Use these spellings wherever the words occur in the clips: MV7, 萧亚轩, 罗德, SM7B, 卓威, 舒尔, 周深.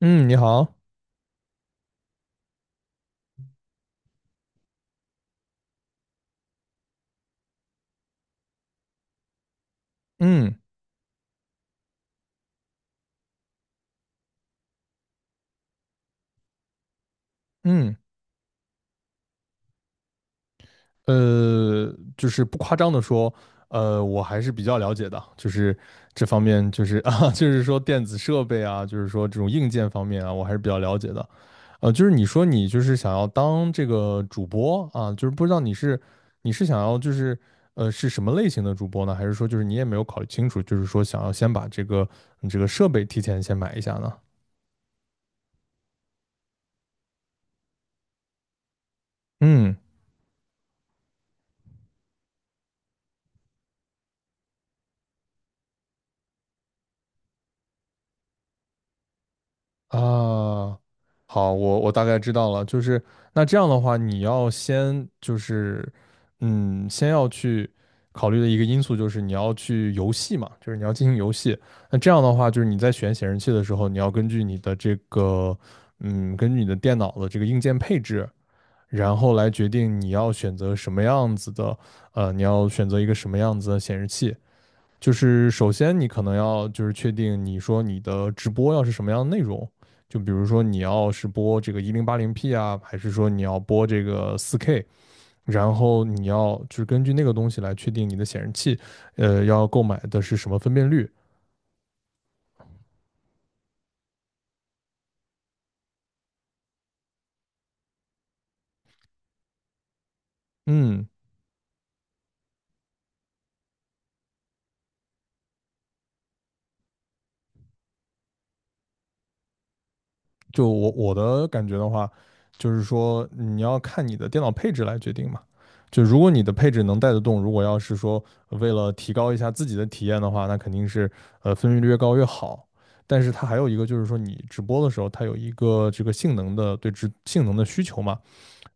嗯，你好。嗯嗯，呃，就是不夸张的说，我还是比较了解的，就是这方面，就是 啊，就是说电子设备啊，就是说这种硬件方面啊，我还是比较了解的。就是你说你就是想要当这个主播啊，就是不知道你是想要就是是什么类型的主播呢？还是说就是你也没有考虑清楚，就是说想要先把这个你这个设备提前先买一下呢？嗯。啊，好，我大概知道了，就是那这样的话，你要先就是，嗯，先要去考虑的一个因素就是你要去游戏嘛，就是你要进行游戏。那这样的话，就是你在选显示器的时候，你要根据你的这个，嗯，根据你的电脑的这个硬件配置，然后来决定你要选择什么样子的，你要选择一个什么样子的显示器。就是首先你可能要就是确定你说你的直播要是什么样的内容，就比如说你要是播这个一零八零 P 啊，还是说你要播这个四 K,然后你要就是根据那个东西来确定你的显示器，要购买的是什么分辨率。嗯，就我的感觉的话，就是说你要看你的电脑配置来决定嘛。就如果你的配置能带得动，如果要是说为了提高一下自己的体验的话，那肯定是分辨率越高越好。但是它还有一个就是说，你直播的时候，它有一个这个性能的对直性能的需求嘛，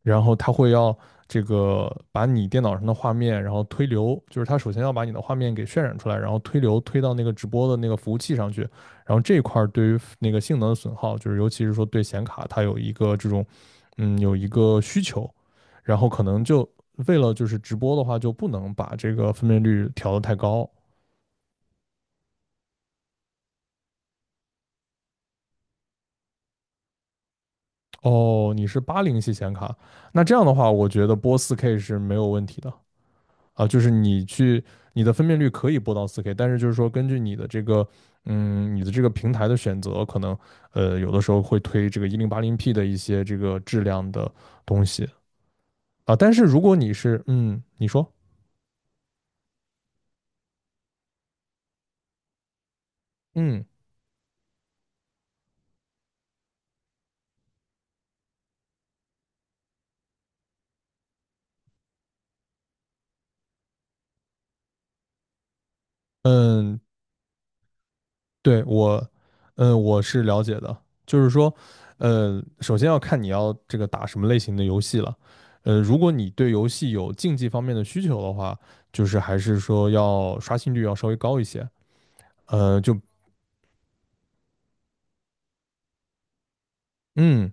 然后它会要这个把你电脑上的画面，然后推流，就是它首先要把你的画面给渲染出来，然后推流推到那个直播的那个服务器上去，然后这一块儿对于那个性能的损耗，就是尤其是说对显卡它有一个这种，嗯，有一个需求，然后可能就为了就是直播的话，就不能把这个分辨率调得太高。哦，你是80系显卡，那这样的话，我觉得播四 K 是没有问题的。啊，就是你去你的分辨率可以播到四 k, 但是就是说根据你的这个，嗯，你的这个平台的选择，可能有的时候会推这个一零八零 p 的一些这个质量的东西。啊，但是如果你是，嗯，你说，嗯嗯对。我，我是了解的，就是说首先要看你要这个打什么类型的游戏了。如果你对游戏有竞技方面的需求的话，就是还是说要刷新率要稍微高一些。呃，就嗯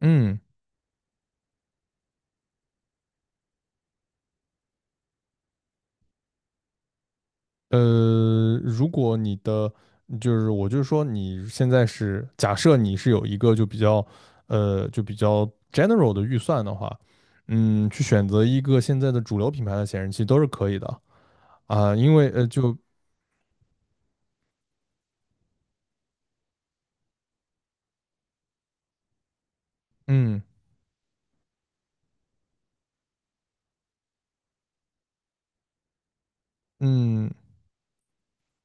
嗯，呃，如果你的就是我就是说你现在是假设你是有一个就比较就比较 general 的预算的话，嗯，去选择一个现在的主流品牌的显示器都是可以的。啊，因为呃就嗯嗯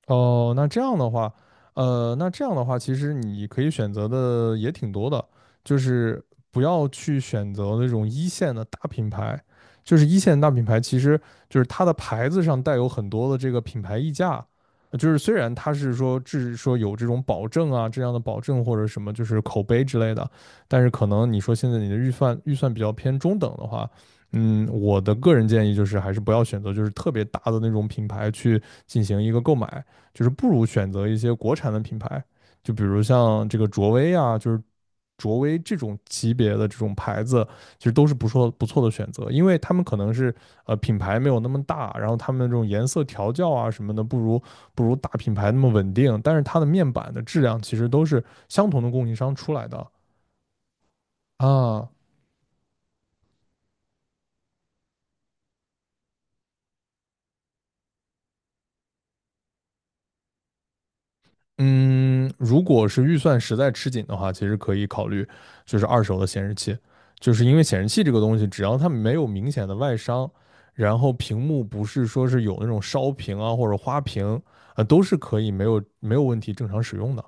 哦，那这样的话，那这样的话，其实你可以选择的也挺多的，就是不要去选择那种一线的大品牌，就是一线大品牌，其实就是它的牌子上带有很多的这个品牌溢价，就是虽然它是说只说有这种保证啊，这样的保证或者什么就是口碑之类的，但是可能你说现在你的预算比较偏中等的话，嗯，我的个人建议就是还是不要选择就是特别大的那种品牌去进行一个购买。就是不如选择一些国产的品牌，就比如像这个卓威啊，就是卓威这种级别的这种牌子，其实都是不错不错的选择，因为他们可能是品牌没有那么大，然后他们这种颜色调教啊什么的，不如不如大品牌那么稳定，但是它的面板的质量其实都是相同的供应商出来的。啊，嗯，如果是预算实在吃紧的话，其实可以考虑就是二手的显示器，就是因为显示器这个东西，只要它没有明显的外伤，然后屏幕不是说是有那种烧屏啊或者花屏，都是可以没有问题正常使用的。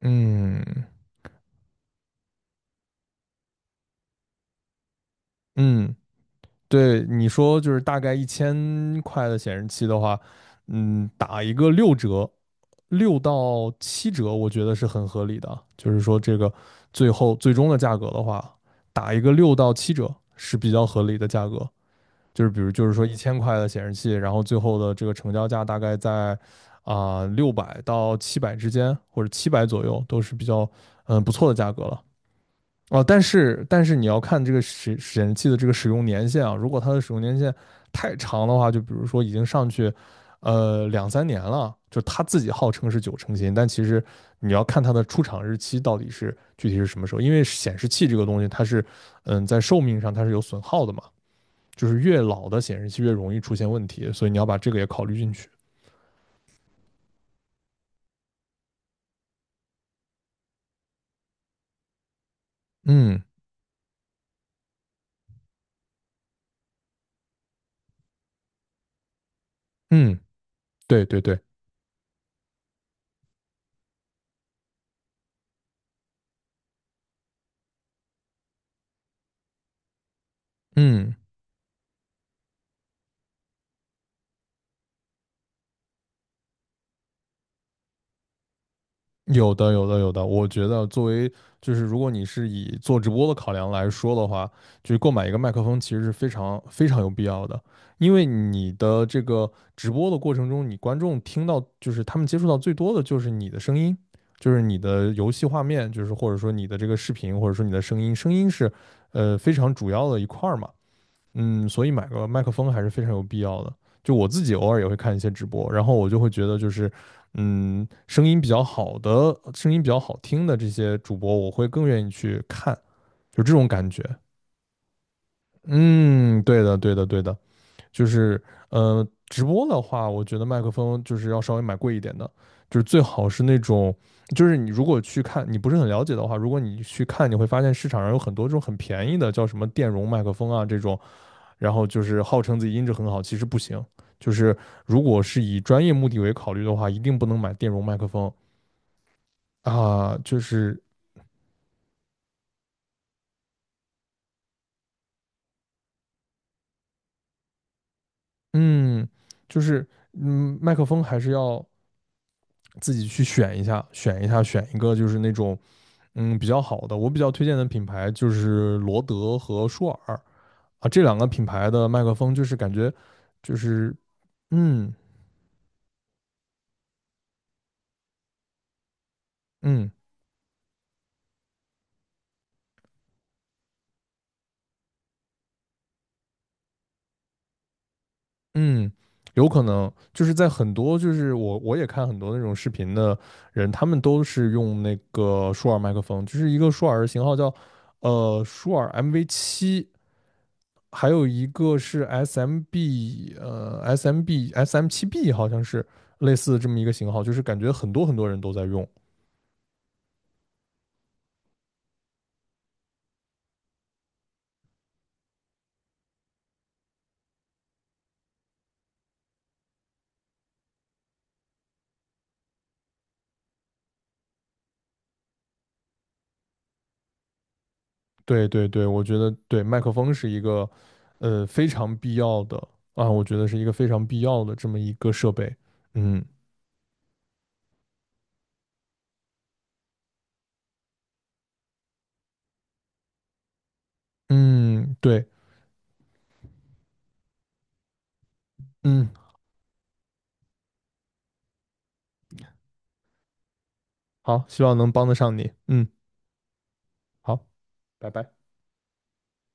嗯嗯，对，你说就是大概一千块的显示器的话，嗯，打一个6折，六到七折，我觉得是很合理的。就是说，这个最后最终的价格的话，打一个六到七折是比较合理的价格。就是比如，就是说一千块的显示器，然后最后的这个成交价大概在，啊，600到700之间，或者七百左右，都是比较，嗯，不错的价格了。哦，但是你要看这个显示器的这个使用年限啊，如果它的使用年限太长的话，就比如说已经上去，两三年了，就它自己号称是九成新，但其实你要看它的出厂日期到底是具体是什么时候，因为显示器这个东西它是，嗯，在寿命上它是有损耗的嘛，就是越老的显示器越容易出现问题，所以你要把这个也考虑进去。嗯嗯，对对对，嗯。有的，有的，有的。我觉得作为就是如果你是以做直播的考量来说的话，就是购买一个麦克风其实是非常非常有必要的，因为你的这个直播的过程中，你观众听到就是他们接触到最多的就是你的声音，就是你的游戏画面，就是或者说你的这个视频，或者说你的声音，声音是非常主要的一块儿嘛。嗯，所以买个麦克风还是非常有必要的。就我自己偶尔也会看一些直播，然后我就会觉得就是，嗯，声音比较好的、声音比较好听的这些主播，我会更愿意去看，就这种感觉。嗯，对的，对的，对的，就是直播的话，我觉得麦克风就是要稍微买贵一点的，就是最好是那种，就是你如果去看，你不是很了解的话，如果你去看，你会发现市场上有很多这种很便宜的，叫什么电容麦克风啊这种，然后就是号称自己音质很好，其实不行。就是如果是以专业目的为考虑的话，一定不能买电容麦克风啊。就是，嗯，就是，嗯，麦克风还是要自己去选一下，选一下，选一个就是那种，嗯，比较好的。我比较推荐的品牌就是罗德和舒尔，啊，这两个品牌的麦克风就是感觉就是，嗯嗯。嗯，有可能就是在很多就是我也看很多那种视频的人，他们都是用那个舒尔麦克风，就是一个舒尔的型号叫舒尔 MV7，还有一个是 SMB SM7B 好像是类似这么一个型号，就是感觉很多很多人都在用。对对对，我觉得对麦克风是一个非常必要的，啊，我觉得是一个非常必要的这么一个设备。嗯嗯，对。嗯，好，希望能帮得上你。嗯，好，拜拜。